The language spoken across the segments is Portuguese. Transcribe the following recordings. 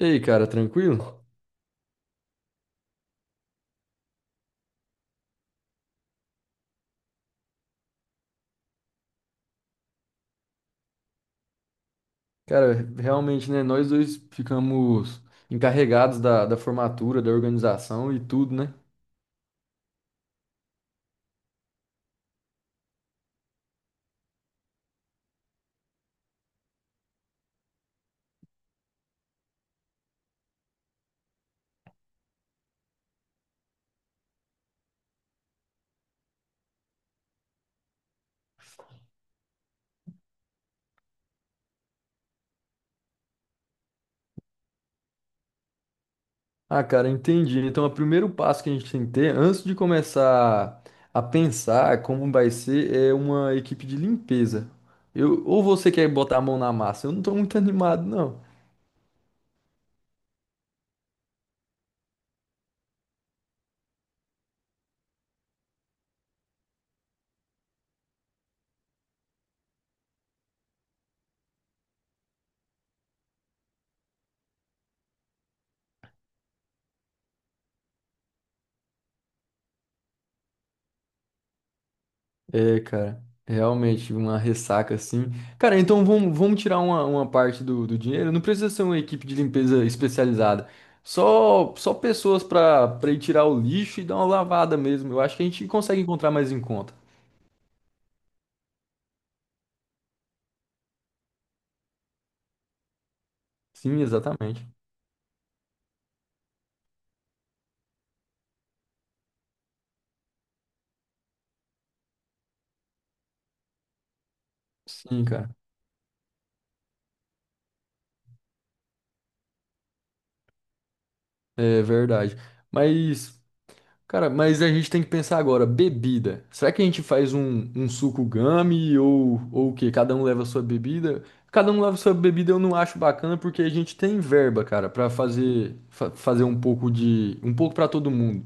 E aí, cara, tranquilo? Cara, realmente, né? Nós dois ficamos encarregados da formatura, da organização e tudo, né? Ah, cara, entendi. Então, o primeiro passo que a gente tem que ter, antes de começar a pensar como vai ser, é uma equipe de limpeza. Eu, ou você quer botar a mão na massa? Eu não tô muito animado, não. É, cara, realmente uma ressaca assim. Cara, então vamos tirar uma parte do dinheiro. Não precisa ser uma equipe de limpeza especializada. Só pessoas pra para ir tirar o lixo e dar uma lavada mesmo. Eu acho que a gente consegue encontrar mais em conta. Sim, exatamente. Sim, cara. É verdade. Mas. Cara, mas a gente tem que pensar agora, bebida. Será que a gente faz um suco gummy ou o quê? Cada um leva a sua bebida? Cada um leva a sua bebida, eu não acho bacana porque a gente tem verba, cara, pra fazer fazer um pouco de um pouco pra todo mundo.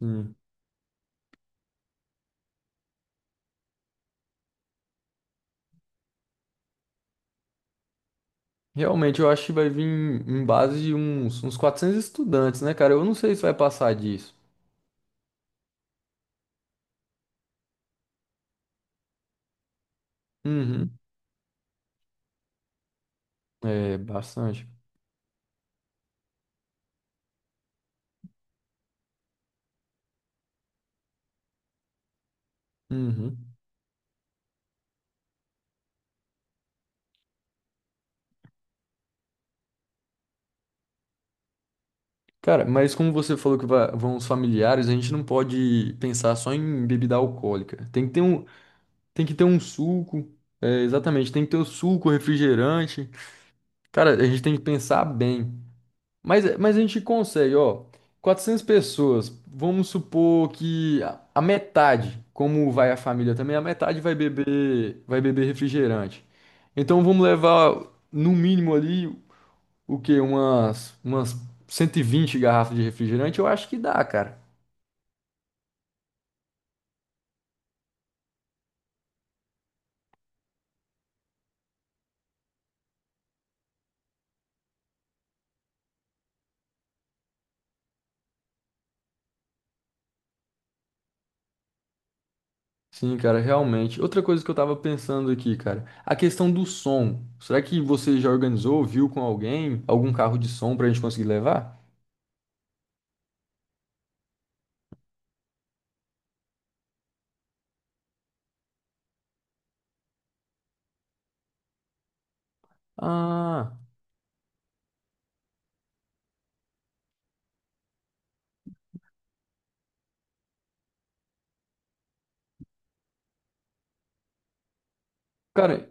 Hum. Realmente, eu acho que vai vir em base de uns, uns 400 estudantes, né, cara? Eu não sei se vai passar disso. Uhum. É, bastante. Uhum. Cara, mas como você falou que vão os familiares, a gente não pode pensar só em bebida alcoólica. Tem que ter um, tem que ter um suco, é, exatamente, tem que ter o suco, refrigerante. Cara, a gente tem que pensar bem. Mas a gente consegue, ó, 400 pessoas, vamos supor que a metade, como vai a família também, a metade vai beber refrigerante. Então vamos levar no mínimo ali o quê? Umas 120 garrafas de refrigerante, eu acho que dá, cara. Sim, cara, realmente. Outra coisa que eu tava pensando aqui, cara, a questão do som. Será que você já organizou, viu com alguém, algum carro de som pra gente conseguir levar? Ah, cara,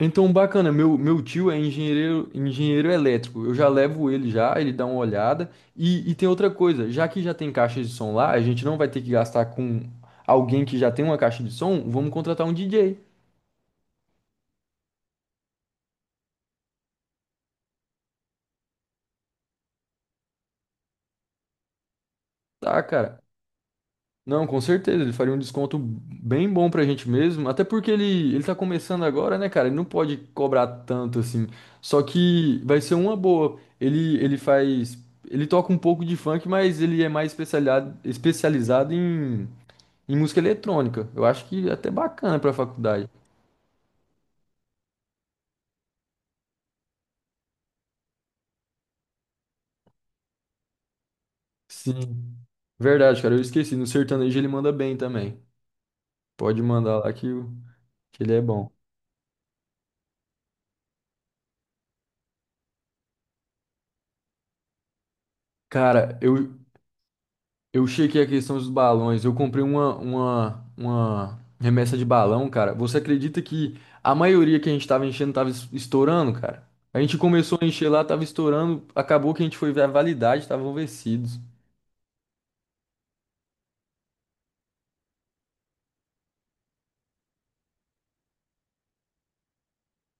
então bacana. Meu tio é engenheiro, engenheiro elétrico. Eu já levo ele já, ele dá uma olhada. E tem outra coisa, já que já tem caixa de som lá, a gente não vai ter que gastar com alguém que já tem uma caixa de som, vamos contratar um DJ. Tá, cara. Não, com certeza, ele faria um desconto bem bom pra gente mesmo, até porque ele tá começando agora, né, cara? Ele não pode cobrar tanto assim. Só que vai ser uma boa. Ele faz. Ele toca um pouco de funk, mas ele é mais especializado, especializado em, em música eletrônica. Eu acho que é até bacana pra faculdade. Sim. Verdade, cara, eu esqueci. No sertanejo ele manda bem também. Pode mandar lá que, que ele é bom. Cara, eu, Eu chequei a questão dos balões. Eu comprei uma remessa de balão, cara. Você acredita que a maioria que a gente tava enchendo tava estourando, cara? A gente começou a encher lá, tava estourando. Acabou que a gente foi ver a validade, estavam vencidos.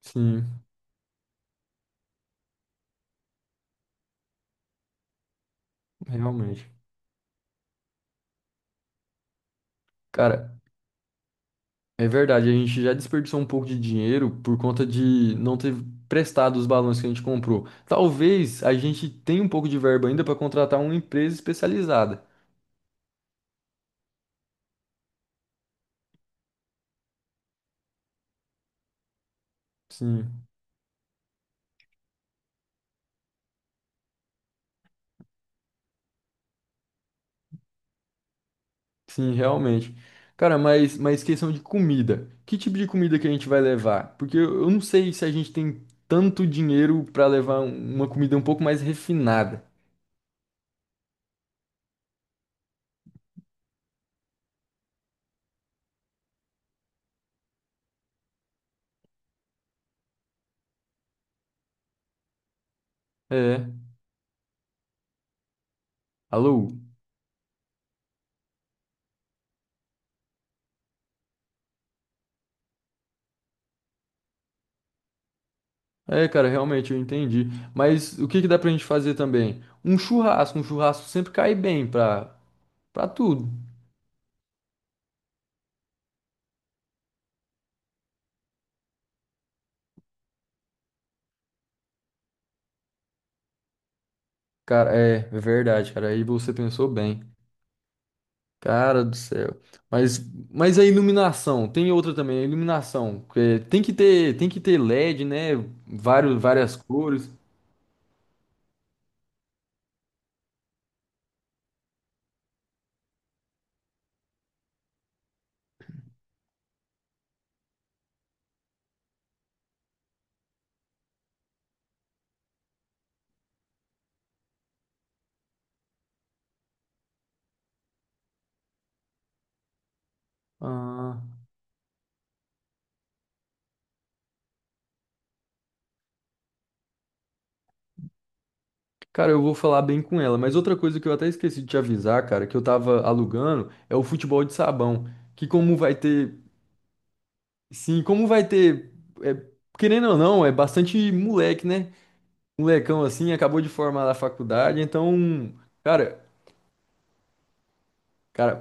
Sim, realmente. Cara, é verdade. A gente já desperdiçou um pouco de dinheiro por conta de não ter prestado os balões que a gente comprou. Talvez a gente tenha um pouco de verba ainda para contratar uma empresa especializada. Sim. Sim, realmente. Cara, mas questão de comida. Que tipo de comida que a gente vai levar? Porque eu não sei se a gente tem tanto dinheiro pra levar uma comida um pouco mais refinada. É. Alô? É, cara, realmente eu entendi. Mas o que que dá pra gente fazer também? Um churrasco. Um churrasco sempre cai bem pra, pra tudo. Cara, é, é verdade, cara. Aí você pensou bem. Cara do céu. Mas, mas a iluminação, tem outra também, a iluminação. Que tem que ter LED, né? Vários, várias cores. Ah, cara, eu vou falar bem com ela. Mas outra coisa que eu até esqueci de te avisar, cara, que eu tava alugando, é o futebol de sabão. Que como vai ter, sim, como vai ter, é, querendo ou não, é bastante moleque, né? Molecão assim, acabou de formar na faculdade, então, cara. Cara,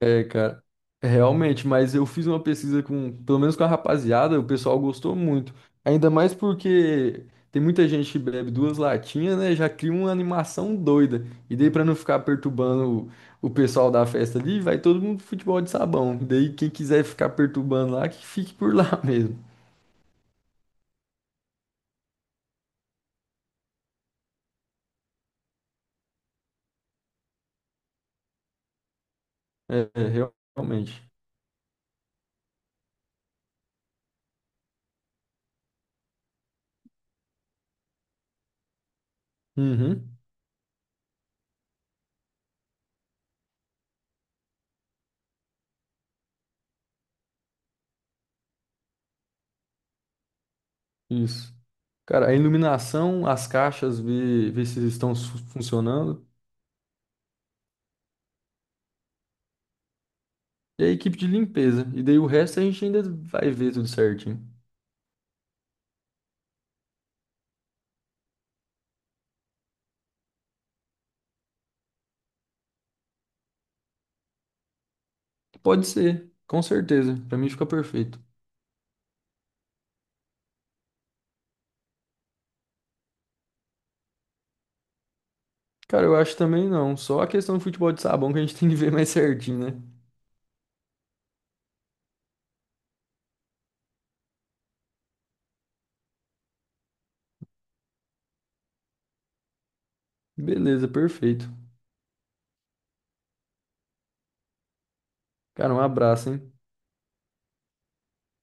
é, cara, é, realmente, mas eu fiz uma pesquisa com, pelo menos com a rapaziada, o pessoal gostou muito. Ainda mais porque tem muita gente que bebe duas latinhas, né? Já cria uma animação doida. E daí, pra não ficar perturbando o pessoal da festa ali, vai todo mundo pro futebol de sabão. Daí, quem quiser ficar perturbando lá, que fique por lá mesmo. É, é, realmente. Uhum, isso. Cara, a iluminação, as caixas, ver se estão funcionando. E a equipe de limpeza. E daí o resto a gente ainda vai ver tudo certinho. Pode ser, com certeza. Pra mim fica perfeito. Cara, eu acho também não. Só a questão do futebol de sabão que a gente tem que ver mais certinho, né? Beleza, perfeito. Cara, um abraço, hein?